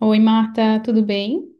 Oi, Marta, tudo bem?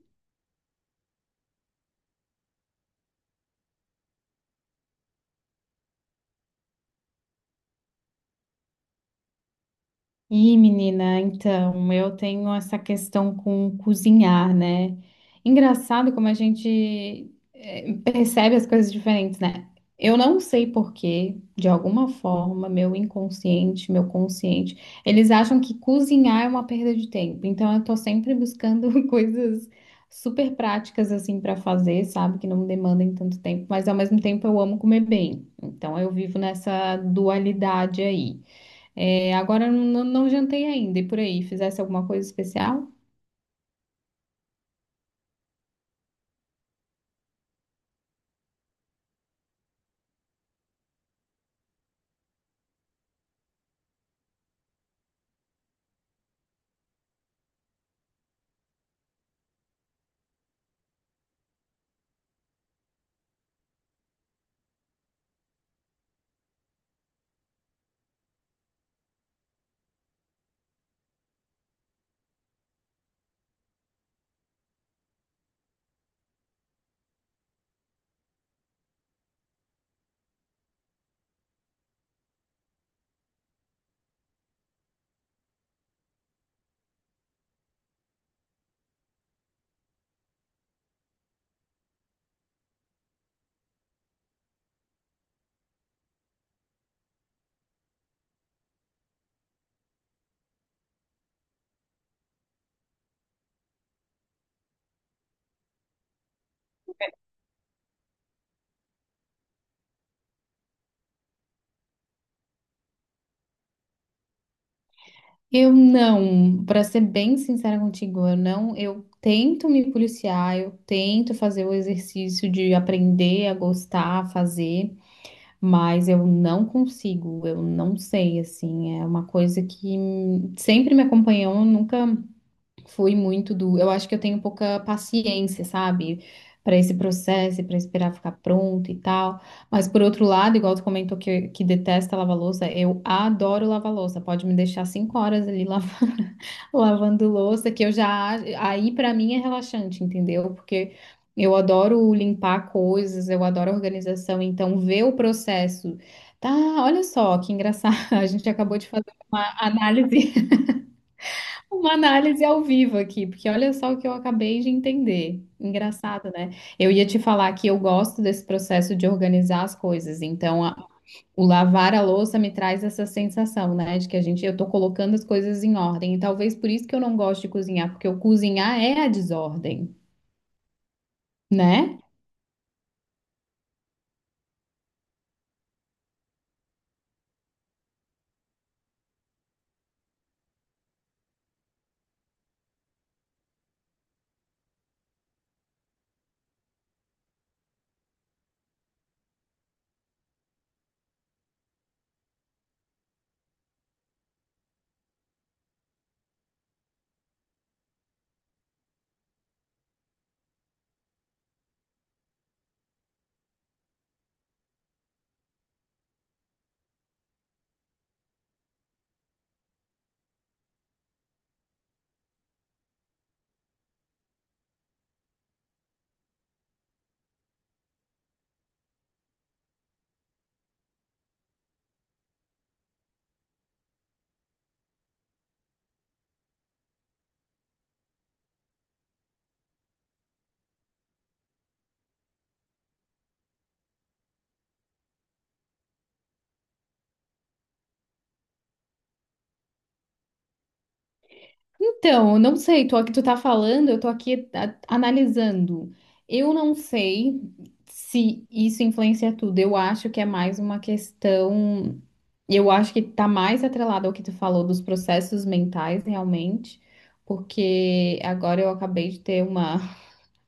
Ih, menina, então, eu tenho essa questão com cozinhar, né? Engraçado como a gente percebe as coisas diferentes, né? Eu não sei por quê, de alguma forma, meu inconsciente, meu consciente, eles acham que cozinhar é uma perda de tempo. Então, eu tô sempre buscando coisas super práticas, assim, pra fazer, sabe? Que não demandem tanto tempo, mas ao mesmo tempo eu amo comer bem. Então, eu vivo nessa dualidade aí. É, agora eu não jantei ainda. E por aí, fizesse alguma coisa especial? Eu não, Para ser bem sincera contigo, eu não, eu tento me policiar, eu tento fazer o exercício de aprender a gostar, a fazer, mas eu não consigo, eu não sei, assim, é uma coisa que sempre me acompanhou, nunca foi muito do. Eu acho que eu tenho pouca paciência, sabe? Para esse processo, para esperar ficar pronto e tal. Mas por outro lado, igual tu comentou que detesta lavar louça, eu adoro lavar louça. Pode me deixar cinco horas ali lavar, lavando louça, que eu já. Aí para mim é relaxante, entendeu? Porque eu adoro limpar coisas, eu adoro organização. Então, ver o processo. Tá, olha só que engraçado. A gente acabou de fazer uma análise uma análise ao vivo aqui, porque olha só o que eu acabei de entender. Engraçado, né? Eu ia te falar que eu gosto desse processo de organizar as coisas. Então, o lavar a louça me traz essa sensação, né, de que a gente, eu tô colocando as coisas em ordem. E talvez por isso que eu não gosto de cozinhar, porque o cozinhar é a desordem, né? Então, eu não sei, tô aqui, tu tá falando, eu tô aqui analisando. Eu não sei se isso influencia tudo. Eu acho que é mais uma questão. Eu acho que tá mais atrelado ao que tu falou dos processos mentais, realmente, porque agora eu acabei de ter uma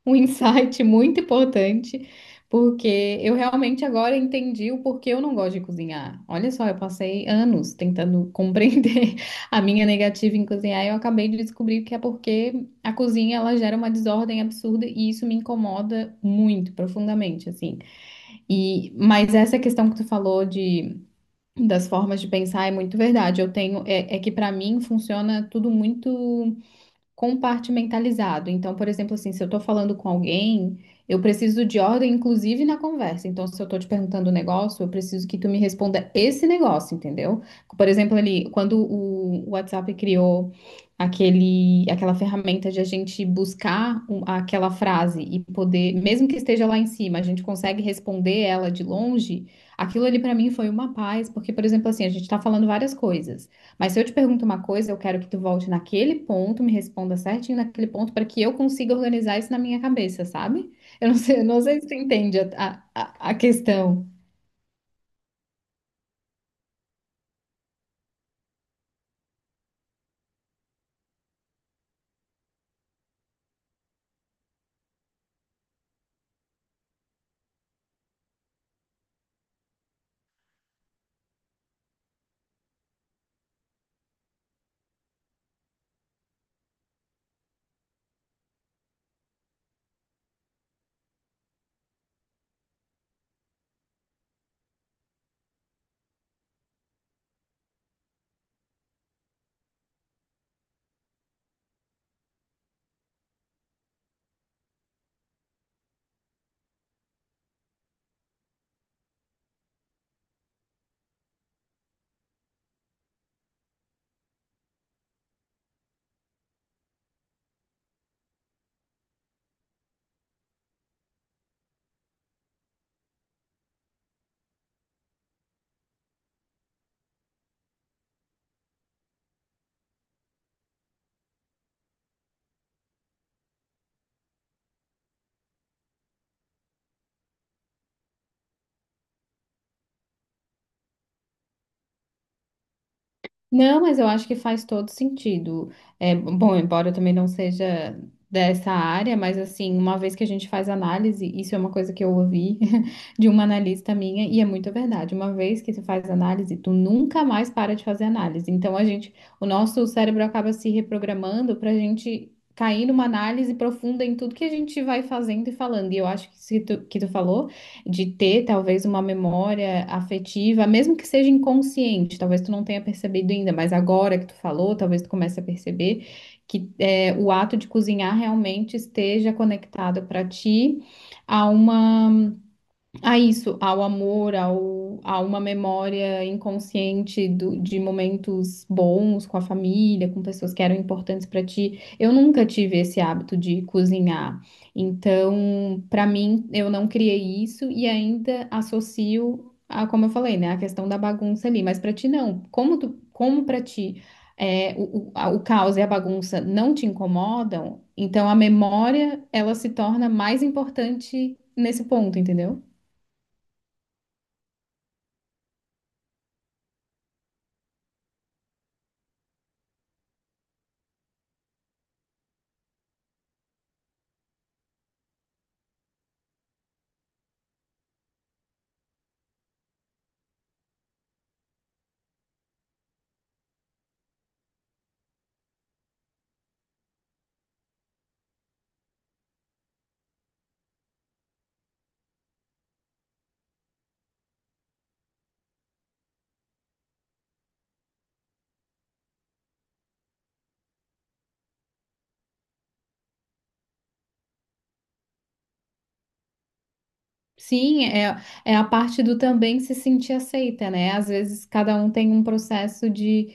um insight muito importante, porque eu realmente agora entendi o porquê eu não gosto de cozinhar. Olha só, eu passei anos tentando compreender a minha negativa em cozinhar e eu acabei de descobrir que é porque a cozinha ela gera uma desordem absurda e isso me incomoda muito, profundamente, assim. E mas essa questão que tu falou de das formas de pensar é muito verdade. Eu tenho que para mim funciona tudo muito compartimentalizado. Então, por exemplo, assim, se eu estou falando com alguém, eu preciso de ordem, inclusive na conversa. Então, se eu estou te perguntando um negócio, eu preciso que tu me responda esse negócio, entendeu? Por exemplo, ali, quando o WhatsApp criou aquela ferramenta de a gente buscar aquela frase e poder, mesmo que esteja lá em cima, a gente consegue responder ela de longe. Aquilo ali para mim foi uma paz, porque, por exemplo, assim, a gente está falando várias coisas. Mas se eu te pergunto uma coisa, eu quero que tu volte naquele ponto, me responda certinho naquele ponto, para que eu consiga organizar isso na minha cabeça, sabe? Eu não sei se tu entende a questão. Não, mas eu acho que faz todo sentido. É, bom, embora eu também não seja dessa área, mas assim, uma vez que a gente faz análise, isso é uma coisa que eu ouvi de uma analista minha, e é muito verdade. Uma vez que tu faz análise, tu nunca mais para de fazer análise. Então a gente, o nosso cérebro acaba se reprogramando para a gente cair numa análise profunda em tudo que a gente vai fazendo e falando. E eu acho que isso que tu falou de ter talvez uma memória afetiva, mesmo que seja inconsciente, talvez tu não tenha percebido ainda, mas agora que tu falou, talvez tu comece a perceber que é, o ato de cozinhar realmente esteja conectado para ti a uma a isso, ao amor, ao, a uma memória inconsciente de momentos bons com a família, com pessoas que eram importantes para ti. Eu nunca tive esse hábito de cozinhar. Então, para mim, eu não criei isso e ainda associo a, como eu falei, né, a questão da bagunça ali. Mas para ti não. Como tu, como para ti o caos e a bagunça não te incomodam, então a memória ela se torna mais importante nesse ponto, entendeu? Sim, é, é a parte do também se sentir aceita, né? Às vezes cada um tem um processo de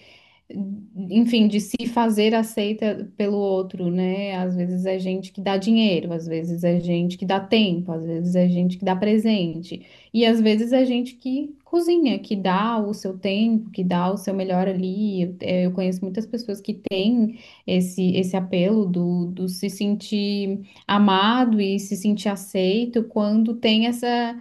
enfim, de se fazer aceita pelo outro, né? Às vezes é gente que dá dinheiro, às vezes é gente que dá tempo, às vezes é gente que dá presente, e às vezes é gente que cozinha, que dá o seu tempo, que dá o seu melhor ali. Eu, eu conheço muitas pessoas que têm esse apelo do, do se sentir amado e se sentir aceito quando tem essa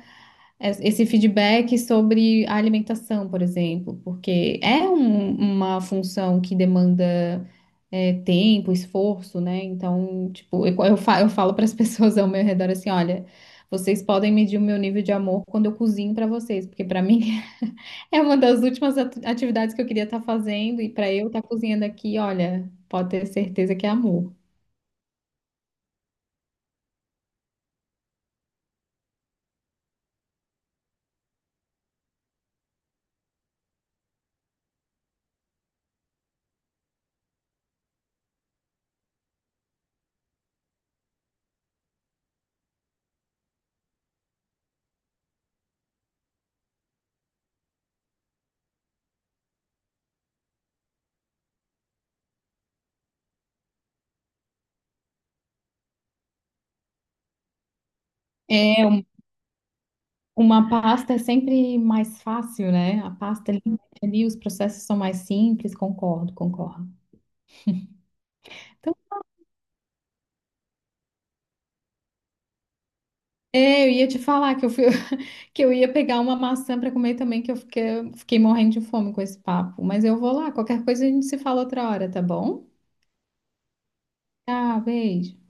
esse feedback sobre a alimentação, por exemplo, porque é uma função que demanda é, tempo, esforço, né? Então, tipo, eu falo para as pessoas ao meu redor assim, olha, vocês podem medir o meu nível de amor quando eu cozinho para vocês, porque para mim é uma das últimas atividades que eu queria estar fazendo e para eu estar cozinhando aqui, olha, pode ter certeza que é amor. É, uma pasta é sempre mais fácil, né? A pasta ali, ali os processos são mais simples, concordo, concordo. Então, é, eu ia te falar que eu ia pegar uma maçã para comer também, fiquei morrendo de fome com esse papo. Mas eu vou lá, qualquer coisa a gente se fala outra hora, tá bom? Tá, beijo.